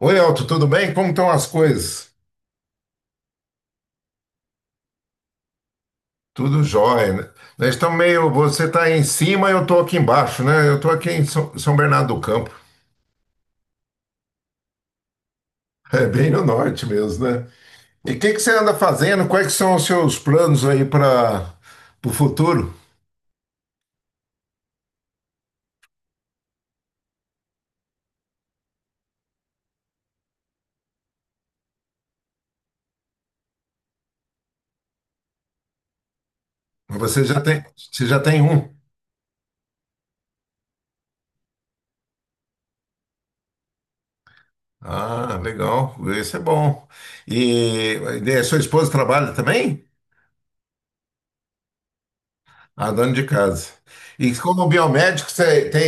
Oi, Elton, tudo bem? Como estão as coisas? Tudo jóia, né? Nós estamos meio. Você está em cima, eu estou aqui embaixo, né? Eu estou aqui em São Bernardo do Campo. É bem no norte mesmo, né? E o que que você anda fazendo? Quais que são os seus planos aí para o futuro? Você já tem um. Ah, legal. Isso é bom. E, e a sua esposa trabalha também? Ah, dona de casa. E como biomédico, você tem,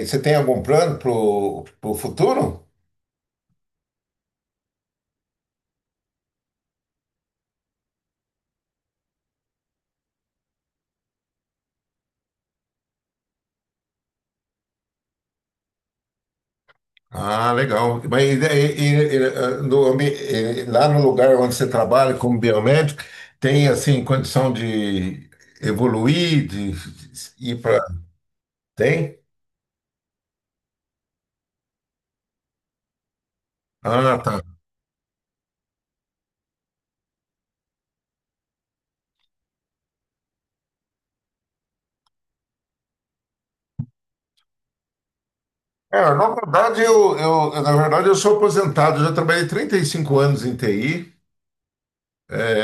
eh, você tem algum plano para o futuro? Ah, legal. Lá no lugar onde você trabalha como biomédico, tem assim condição de evoluir, de ir para. Tem? Ah, tá. Na verdade, eu sou aposentado, eu já trabalhei 35 anos em TI,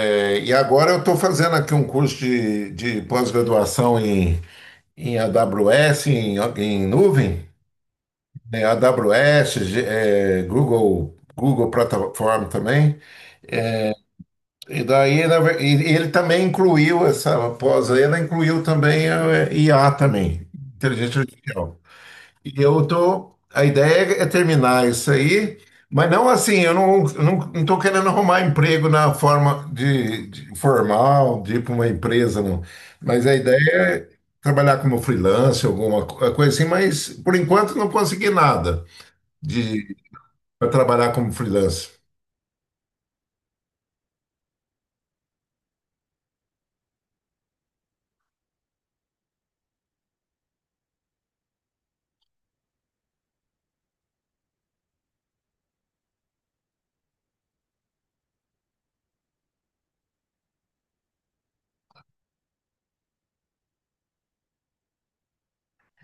e agora eu estou fazendo aqui um curso de pós-graduação em AWS, em nuvem, né, AWS, Google Plataforma também. E daí na ver- e ele também incluiu essa pós-lenda, incluiu também a IA também, inteligência artificial. E eu tô, a ideia é terminar isso aí, mas não assim, eu não estou querendo arrumar emprego na forma de formal, de ir para uma empresa, não. Mas a ideia é trabalhar como freelancer, coisa assim, mas por enquanto não consegui nada de para trabalhar como freelancer.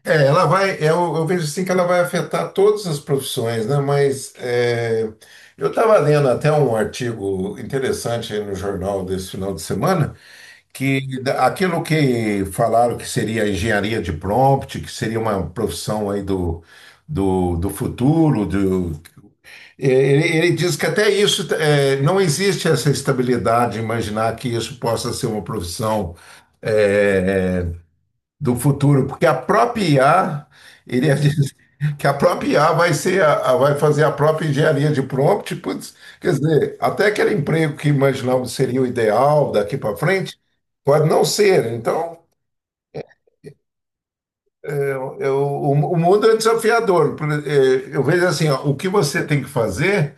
É, ela vai, eu vejo assim que ela vai afetar todas as profissões, né? Mas é, eu estava lendo até um artigo interessante aí no jornal desse final de semana, aquilo que falaram que seria a engenharia de prompt, que seria uma profissão aí do futuro, é, ele diz que até isso é, não existe essa estabilidade, imaginar que isso possa ser uma profissão. É, do futuro, porque a própria IA, ele ia dizer que a própria IA vai ser vai fazer a própria engenharia de prompt, putz, quer dizer, até aquele emprego que imaginávamos seria o ideal daqui para frente, pode não ser. Então, é, o mundo é desafiador. Eu vejo assim, ó, o que você tem que fazer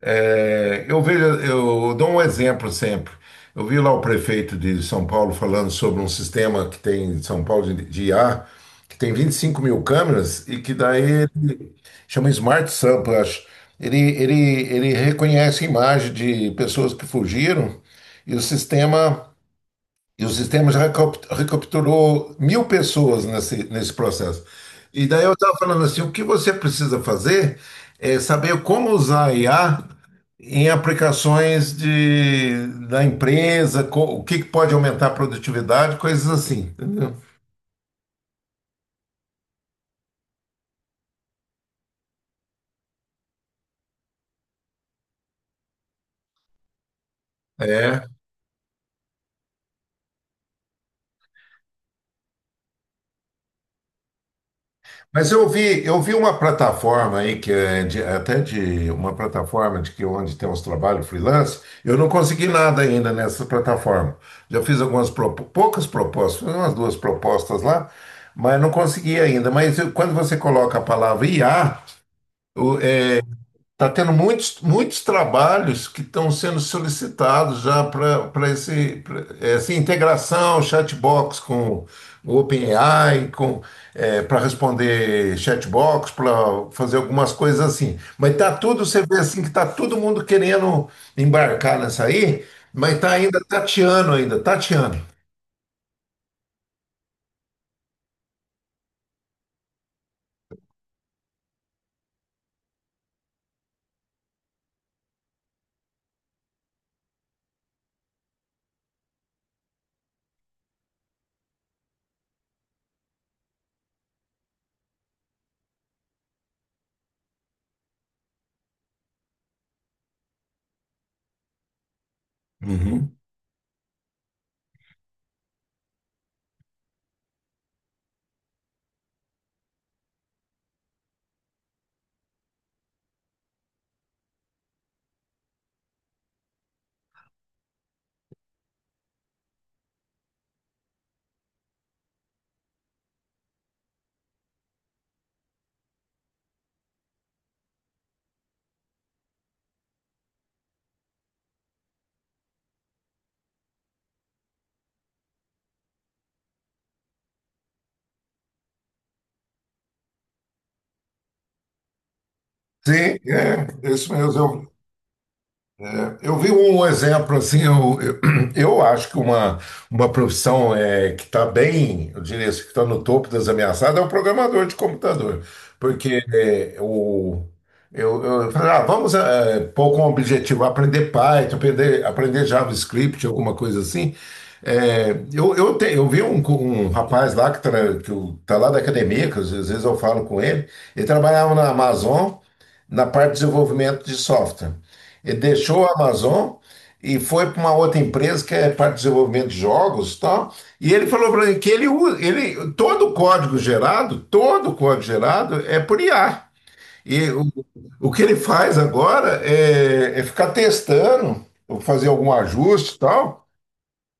eu vejo, eu dou um exemplo sempre. Eu vi lá o prefeito de São Paulo falando sobre um sistema que tem em São Paulo de IA, que tem 25 mil câmeras e que daí ele chama Smart Sampa, eu acho. Ele reconhece imagem de pessoas que fugiram e o sistema e o sistema já recapturou 1.000 pessoas nesse processo. E daí eu estava falando assim, o que você precisa fazer é saber como usar a IA em aplicações da empresa, o que que pode aumentar a produtividade, coisas assim, entendeu? É. Mas eu vi uma plataforma aí que é até de uma plataforma de que onde tem uns trabalhos freelance. Eu não consegui nada ainda nessa plataforma. Já fiz algumas poucas propostas, fiz umas duas propostas lá, mas não consegui ainda. Quando você coloca a palavra IA, está tendo muitos trabalhos que estão sendo solicitados já para pra essa integração chatbox com o OpenAI, com, para responder chatbox, para fazer algumas coisas assim. Mas tá tudo, você vê assim que tá todo mundo querendo embarcar nessa aí, mas tá ainda tateando ainda, tateando. Uhum. Sim, é, isso mesmo. É, eu vi um exemplo assim, eu acho que uma profissão é, que está bem, eu diria assim, que está no topo das ameaçadas é o programador de computador, porque eu falei, ah, vamos é, pôr como objetivo aprender Python, aprender JavaScript, alguma coisa assim. É, eu vi um, um rapaz lá que está lá da academia, que às vezes eu falo com ele, ele trabalhava na Amazon, na parte de desenvolvimento de software. Ele deixou a Amazon e foi para uma outra empresa que é parte de desenvolvimento de jogos e tal. E ele falou para mim que ele todo o código gerado, todo o código gerado é por IA. E o, o que ele faz agora é ficar testando, ou fazer algum ajuste e tal,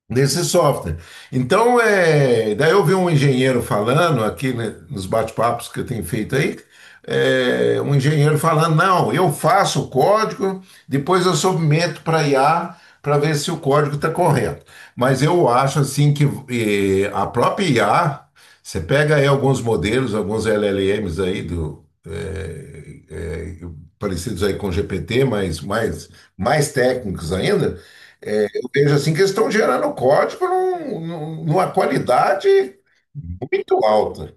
desse software. Então, é, daí eu vi um engenheiro falando aqui, né, nos bate-papos que eu tenho feito aí, é, um engenheiro falando, não, eu faço o código, depois eu submeto para IA para ver se o código está correto. Mas eu acho assim que a própria IA, você pega aí alguns modelos, alguns LLMs aí parecidos aí com GPT, mas mais técnicos ainda. Veja assim, que eles estão gerando código numa qualidade muito alta.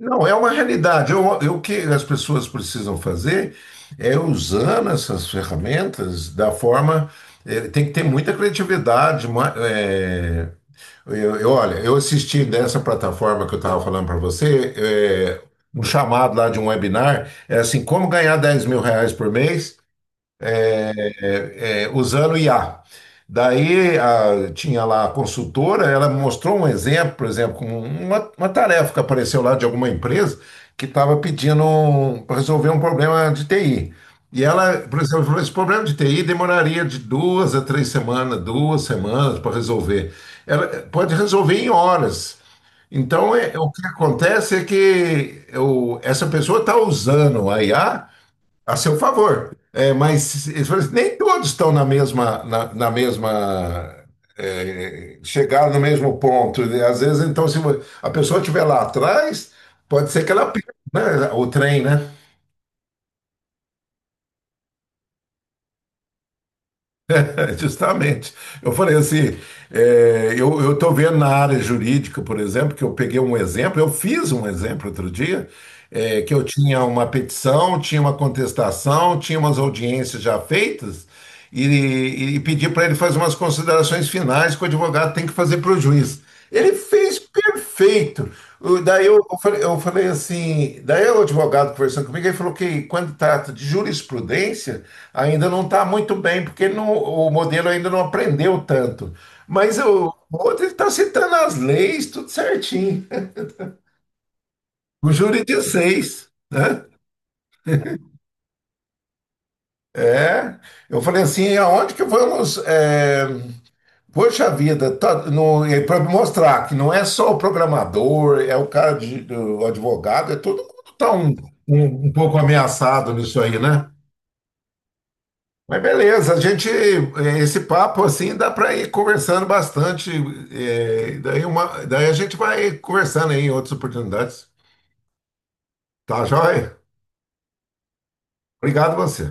Não, é uma realidade. O que as pessoas precisam fazer é usando essas ferramentas da forma. Tem que ter muita criatividade. Olha, eu assisti dessa plataforma que eu estava falando para você, eh, um chamado lá de um webinar, é assim, como ganhar R$ 10.000 por mês usando IA. Tinha lá a consultora, ela mostrou um exemplo, por exemplo, como uma tarefa que apareceu lá de alguma empresa que estava pedindo para resolver um problema de TI. E ela, por exemplo, falou: esse problema de TI demoraria de 2 a 3 semanas, 2 semanas para resolver. Ela pode resolver em horas. Então, o que acontece é que essa pessoa está usando a IA a seu favor. É, mas eles falam assim, nem todos estão na mesma, na mesma é, chegaram no mesmo ponto. Né? Às vezes, então, se a pessoa estiver lá atrás, pode ser que ela perca, né, o trem, né? Justamente. Eu falei assim, é, eu estou vendo na área jurídica, por exemplo, que eu peguei um exemplo, eu fiz um exemplo outro dia, é, que eu tinha uma petição, tinha uma contestação, tinha umas audiências já feitas, e pedi para ele fazer umas considerações finais que o advogado tem que fazer para o juiz. Ele fez perfeito. Eu falei, daí o advogado conversando comigo, ele falou que quando trata de jurisprudência, ainda não está muito bem, porque ele não- o modelo ainda não aprendeu tanto. Mas o outro ele está citando as leis, tudo certinho. O júri de seis, né? É. Eu falei assim, aonde que vamos? É, poxa vida, tá, no, é para mostrar que não é só o programador, é o cara de, o advogado, é todo mundo tá um pouco ameaçado nisso aí, né? Mas beleza, esse papo assim dá para ir conversando bastante, daí a gente vai conversando aí em outras oportunidades. Tá, joia? Obrigado a você.